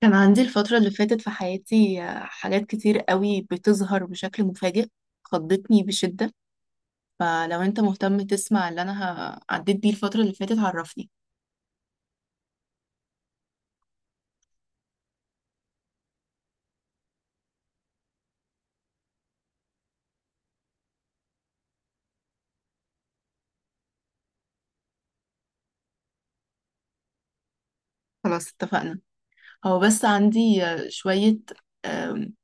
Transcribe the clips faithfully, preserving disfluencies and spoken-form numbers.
كان عندي الفترة اللي فاتت في حياتي، آه، حاجات كتير قوي بتظهر بشكل مفاجئ. خضتني بشدة. فلو انت مهتم تسمع اللي انا ه- عديت بيه الفترة اللي فاتت، عرفني. خلاص اتفقنا. هو بس عندي آه، شوية، آم،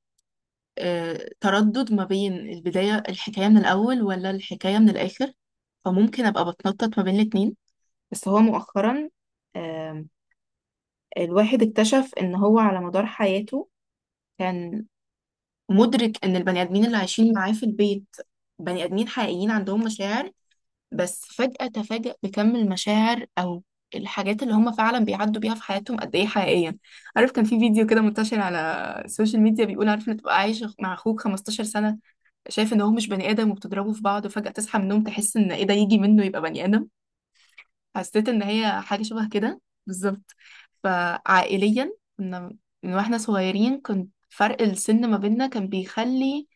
آه، تردد ما بين البداية الحكاية من الأول ولا الحكاية من الآخر، فممكن أبقى بتنطط ما بين الاتنين. بس هو مؤخرا، آم، الواحد اكتشف إن هو على مدار حياته كان مدرك ان البني ادمين اللي عايشين معاه في البيت بني ادمين حقيقيين عندهم مشاعر، بس فجأة تفاجأ بكم المشاعر او الحاجات اللي هم فعلا بيعدوا بيها في حياتهم قد ايه حقيقية. عارف كان في فيديو كده منتشر على السوشيال ميديا، بيقول عارف ان تبقى عايش مع اخوك 15 سنة شايف ان هو مش بني ادم وبتضربوا في بعض، وفجأة تصحى من النوم تحس ان ايه ده؟ يجي منه يبقى بني ادم. حسيت ان هي حاجة شبه كده. بالظبط. فعائليا كنا من واحنا صغيرين، كنت فرق السن ما بيننا كان بيخلي،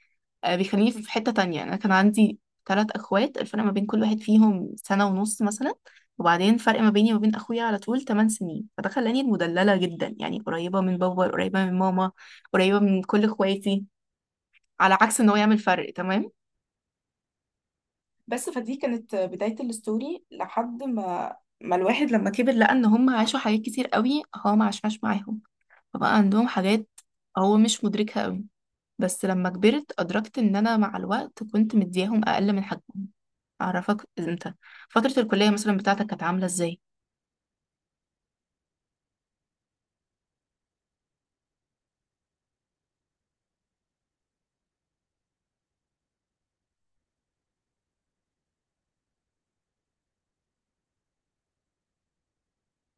آه، بيخليني في حتة تانية. أنا كان عندي ثلاث أخوات، الفرق ما بين كل واحد فيهم سنة ونص مثلا، وبعدين فرق ما بيني وما بين أخويا على طول 8 سنين، فده خلاني المدللة جدا، يعني قريبة من بابا، قريبة من ماما، قريبة من كل إخواتي، على عكس إن هو يعمل فرق تمام. بس فدي كانت بداية الستوري. لحد ما ما الواحد لما كبر لقى ان هم عاشوا حاجات كتير قوي هو ما عاشهاش معاهم، فبقى عندهم حاجات هو مش مدركها قوي. بس لما كبرت ادركت ان انا مع الوقت كنت مدياهم اقل من حجمهم. اعرفك انت، فترة الكلية مثلا بتاعتك كانت عاملة ازاي؟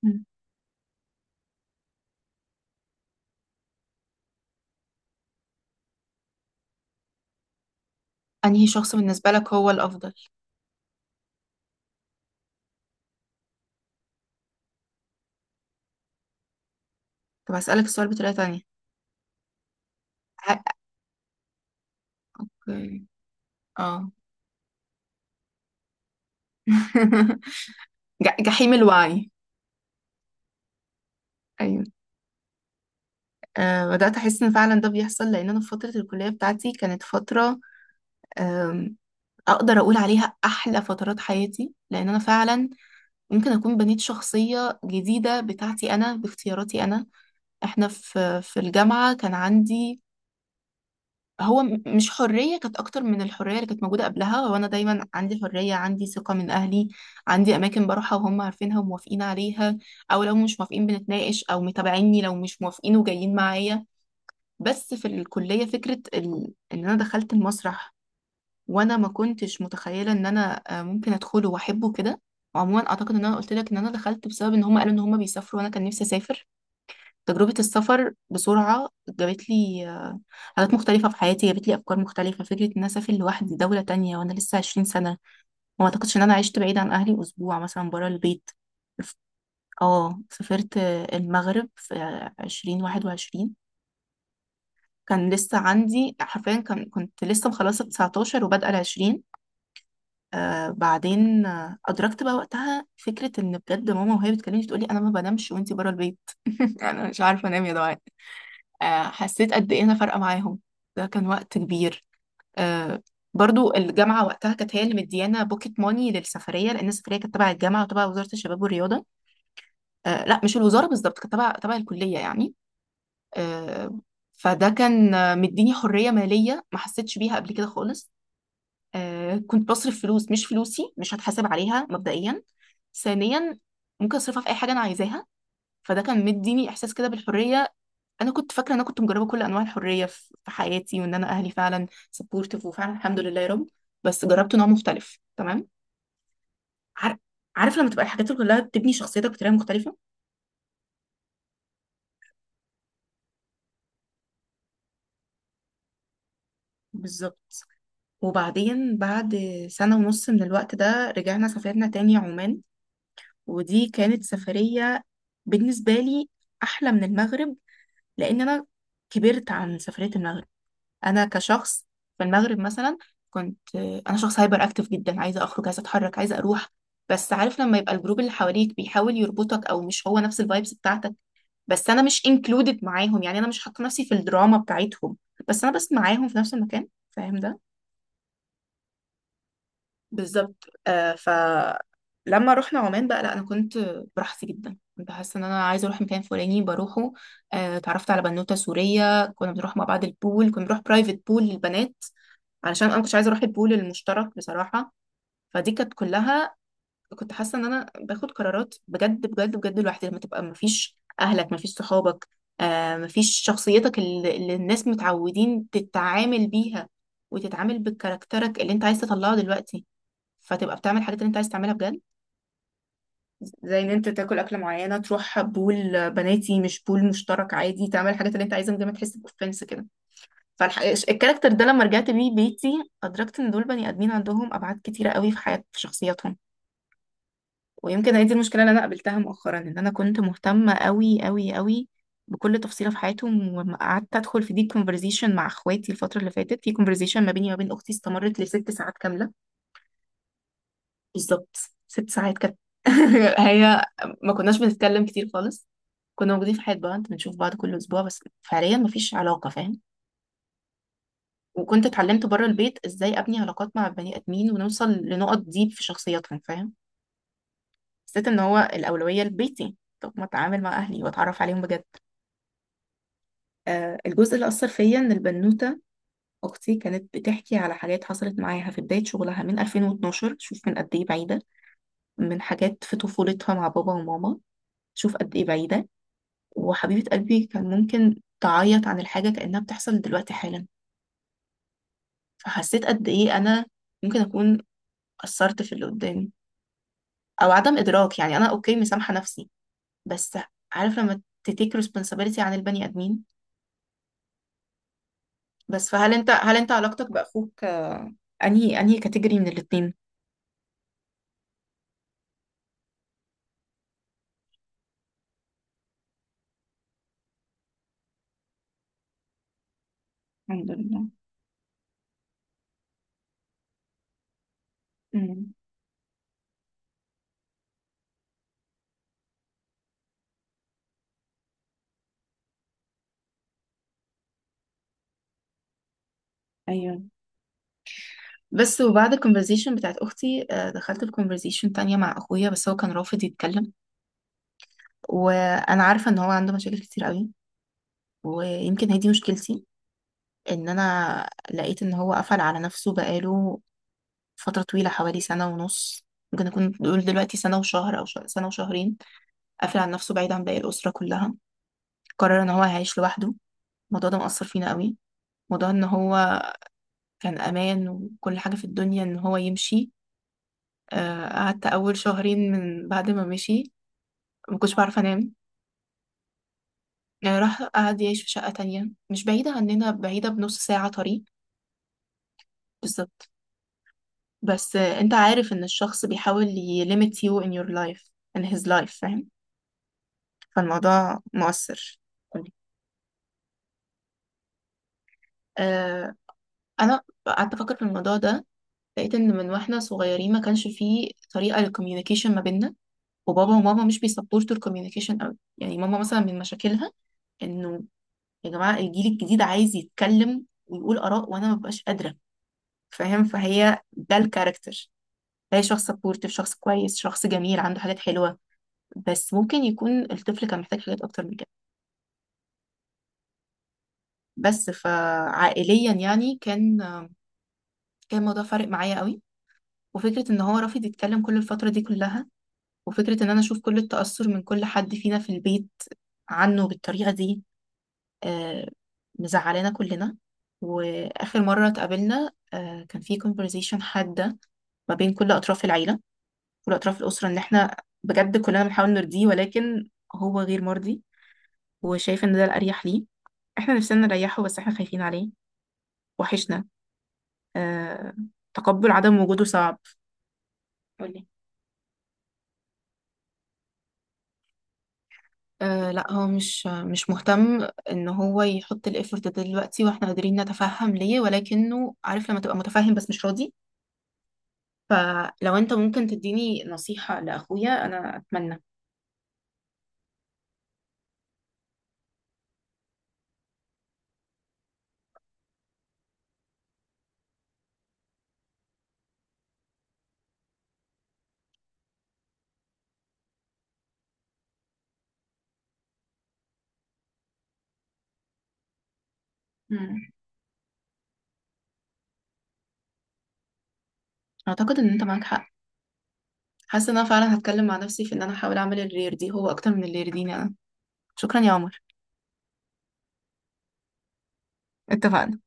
مم. انهي شخص بالنسبة لك هو الافضل؟ طب هسألك السؤال بطريقة تانية. حقك. اه. جح- جحيم الوعي. ايوه. آه، بدأت أحس إن فعلا ده بيحصل، لأن أنا في فترة الكلية بتاعتي كانت فترة، آم، أقدر أقول عليها أحلى فترات حياتي، لأن أنا فعلا ممكن أكون بنيت شخصية جديدة بتاعتي أنا باختياراتي أنا. إحنا في في الجامعة كان عندي، هو م- مش حرية، كانت أكتر من الحرية اللي كانت موجودة قبلها. هو أنا دايما عندي حرية، عندي ثقة من أهلي، عندي أماكن بروحها وهم عارفينها وموافقين عليها، أو لو مش موافقين بنتناقش، أو متابعيني لو مش موافقين وجايين معايا. بس في الكلية فكرة ال- ان انا دخلت المسرح، وانا ما كنتش متخيلة ان انا آه، ممكن ادخله واحبه كده. عموما اعتقد ان انا قلت لك ان انا دخلت بسبب ان هم قالوا ان هم بيسافروا، وانا كان نفسي اسافر. تجربة السفر بسرعة جابت لي آه، حاجات مختلفة في حياتي، جابت لي افكار مختلفة. فكرة ان انا اسافر لوحدي دولة تانية وانا لسه 20 سنة، وما اعتقدش ان انا عشت بعيد عن اهلي اسبوع مثلا برا البيت. اه، سافرت آه، المغرب في عشرين واحد وعشرين، كان لسه عندي حرفيا، كان كنت لسه مخلصة تسعتاشر وبادئة العشرين. آه بعدين آه أدركت بقى وقتها فكرة إن بجد ماما وهي بتكلمني تقولي أنا ما بنامش وأنتي بره البيت. أنا مش عارفة أنام يا دعاء. آه حسيت قد إيه أنا فارقة معاهم. ده كان وقت كبير. آه. برضو الجامعة وقتها كانت هي اللي مديانا بوكيت موني للسفرية، لأن السفرية كانت تبع الجامعة وتبع وزارة الشباب والرياضة. آه لا، مش الوزارة بالظبط، كانت تبع تبع الكلية يعني. آه. فده كان آه، مديني حرية مالية ما حسيتش بيها قبل كده خالص. آه كنت بصرف فلوس مش فلوسي، مش هتحاسب عليها مبدئيا. ثانيا ممكن اصرفها في اي حاجه انا عايزاها. فده كان مديني احساس كده بالحريه. انا كنت فاكره ان انا كنت مجربه كل انواع الحريه في في حياتي، وان انا اهلي فعلا سبورتيف، وفعلا الحمد لله يا رب، بس جربت نوع مختلف تمام. عارف. عارف لما تبقى الحاجات كلها بتبني شخصيتك بطريقه مختلفه. بالظبط. وبعدين بعد سنه ونص من الوقت ده رجعنا سافرنا تاني عمان، ودي كانت سفريه بالنسبه لي احلى من المغرب، لان انا كبرت عن سفريه المغرب. انا كشخص، في المغرب مثلا كنت، انا شخص هايبر اكتف جدا، عايزه اخرج عايزه اتحرك عايزه اروح. بس عارف لما يبقى الجروب اللي حواليك بيحاول يربطك او مش هو نفس الفايبس بتاعتك، بس انا مش انكلودد معاهم، يعني انا مش حاطه نفسي في الدراما بتاعتهم، بس انا بس معاهم في نفس المكان. فاهم ده؟ بالظبط. آه فلما رحنا عمان بقى لا، انا كنت براحتي جدا، كنت حاسه ان انا عايزه اروح مكان فلاني بروحه. آه اتعرفت على بنوته سوريه كنا بنروح مع بعض البول، كنا بنروح برايفت بول للبنات علشان انا مش عايزه اروح البول المشترك بصراحه. فدي كانت كلها، كنت حاسه ان انا باخد قرارات بجد بجد بجد لوحدي، لما تبقى مفيش اهلك مفيش صحابك، آه مفيش شخصيتك اللي, اللي الناس متعودين تتعامل بيها، وتتعامل بكاركترك اللي انت عايز تطلعه دلوقتي، فتبقى بتعمل الحاجات اللي انت عايز تعملها بجد. زي ان انت تاكل اكله معينه، تروح بول بناتي مش بول مشترك عادي، تعمل الحاجات اللي انت عايزها من غير ما تحس باوفنس كده. فالكاركتر ده لما رجعت بيه بيتي، ادركت ان دول بني ادمين عندهم ابعاد كتيره قوي في حياه في شخصياتهم. ويمكن هي دي المشكله اللي انا قابلتها مؤخرا، ان انا كنت مهتمه قوي قوي قوي بكل تفصيله في حياتهم، وقعدت ادخل في ديب كونفرزيشن مع اخواتي الفتره اللي فاتت. في كونفرزيشن ما بيني وما بين اختي استمرت لست ساعات كامله. بالظبط. ست ساعات كانت. هي، ما كناش بنتكلم كتير خالص، كنا موجودين في حياة بعض بنشوف بعض كل أسبوع، بس فعليا مفيش علاقة، فاهم؟ وكنت اتعلمت بره البيت ازاي ابني علاقات مع البني آدمين ونوصل لنقط ديب في شخصياتهم، فاهم؟ حسيت ان هو الأولوية لبيتي. طب ما اتعامل مع أهلي واتعرف عليهم بجد. آه الجزء اللي أثر فيا إن البنوتة أختي كانت بتحكي على حاجات حصلت معاها في بداية شغلها من ألفين واتناشر، شوف من قد إيه بعيدة. من حاجات في طفولتها مع بابا وماما، شوف قد إيه بعيدة. وحبيبة قلبي كان ممكن تعيط عن الحاجة كأنها بتحصل دلوقتي حالا. فحسيت قد إيه أنا ممكن أكون قصرت في اللي قدامي. أو عدم إدراك، يعني أنا أوكي مسامحة نفسي، بس عارف لما تتيك responsibility عن البني آدمين. بس فهل أنت هل أنت علاقتك بأخوك، أنهي أنهي كاتيجوري من الاتنين؟ الحمد لله. امم. ايوه. بس وبعد الكونفرزيشن بتاعت اختي، آه، دخلت الكونفرزيشن تانية مع اخويا، بس هو كان رافض يتكلم. وانا عارفة ان هو عنده مشاكل كتير قوي. ويمكن هي دي مشكلتي، ان انا لقيت ان هو قفل على نفسه بقاله فترة طويلة حوالي سنة ونص. ممكن نكون نقول دلوقتي سنة وشهر او ش- سنة وشهرين. قافل على نفسه بعيد عن باقي الأسرة كلها، قرر ان هو هيعيش لوحده. الموضوع ده مأثر فينا قوي. موضوع ان هو كان امان وكل حاجة في الدنيا، ان هو يمشي، آه، قعدت اول شهرين من بعد ما مشي ما كنتش بعرف انام. آه، راح قعد يعيش في شقة تانية مش بعيدة عننا، بعيدة بنص ساعة طريق. بالظبط. بس انت عارف ان الشخص بيحاول ي limit you in your life in his life، فاهم؟ فالموضوع مؤثر. آه انا قعدت افكر في الموضوع ده. لقيت ان من واحنا صغيرين ما كانش فيه طريقه للكوميونيكيشن ما بيننا. وبابا وماما مش بيسبورتوا الكوميونيكيشن قوي، يعني ماما مثلا من مشاكلها انه، يا جماعه الجيل الجديد عايز يتكلم ويقول اراء وانا ما ببقاش قادره، فاهم؟ فهي ده الكاركتر، هي شخص سبورتيف، شخص كويس، شخص جميل عنده حاجات حلوه، بس ممكن يكون الطفل كان محتاج حاجات اكتر من كده. بس فعائليا يعني كان، كان الموضوع فارق معايا قوي. وفكرة ان هو رافض يتكلم كل الفترة دي كلها، وفكرة ان انا اشوف كل التأثر من كل حد فينا في البيت عنه بالطريقة دي، آه، مزعلانا كلنا. واخر مرة اتقابلنا آه، كان في conversation حادة ما بين كل اطراف العيلة، كل اطراف الاسرة، ان احنا بجد كلنا بنحاول نرضيه، ولكن هو غير مرضي، وشايف ان ده الاريح ليه. احنا نفسنا نريحه بس احنا خايفين عليه، وحشنا. آه. تقبل عدم وجوده صعب. قولي. آه لا، هو مش مش مهتم ان هو يحط الايفورت ده دلوقتي، واحنا قادرين نتفهم ليه، ولكنه عارف لما تبقى متفهم بس مش راضي. فلو انت ممكن تديني نصيحة لاخويا انا اتمنى. مم. اعتقد ان انت معاك حق. حاسة ان انا فعلا هتكلم مع نفسي في ان انا احاول اعمل الرير دي هو اكتر من الرير دي انا. شكرا يا عمر. اتفقنا.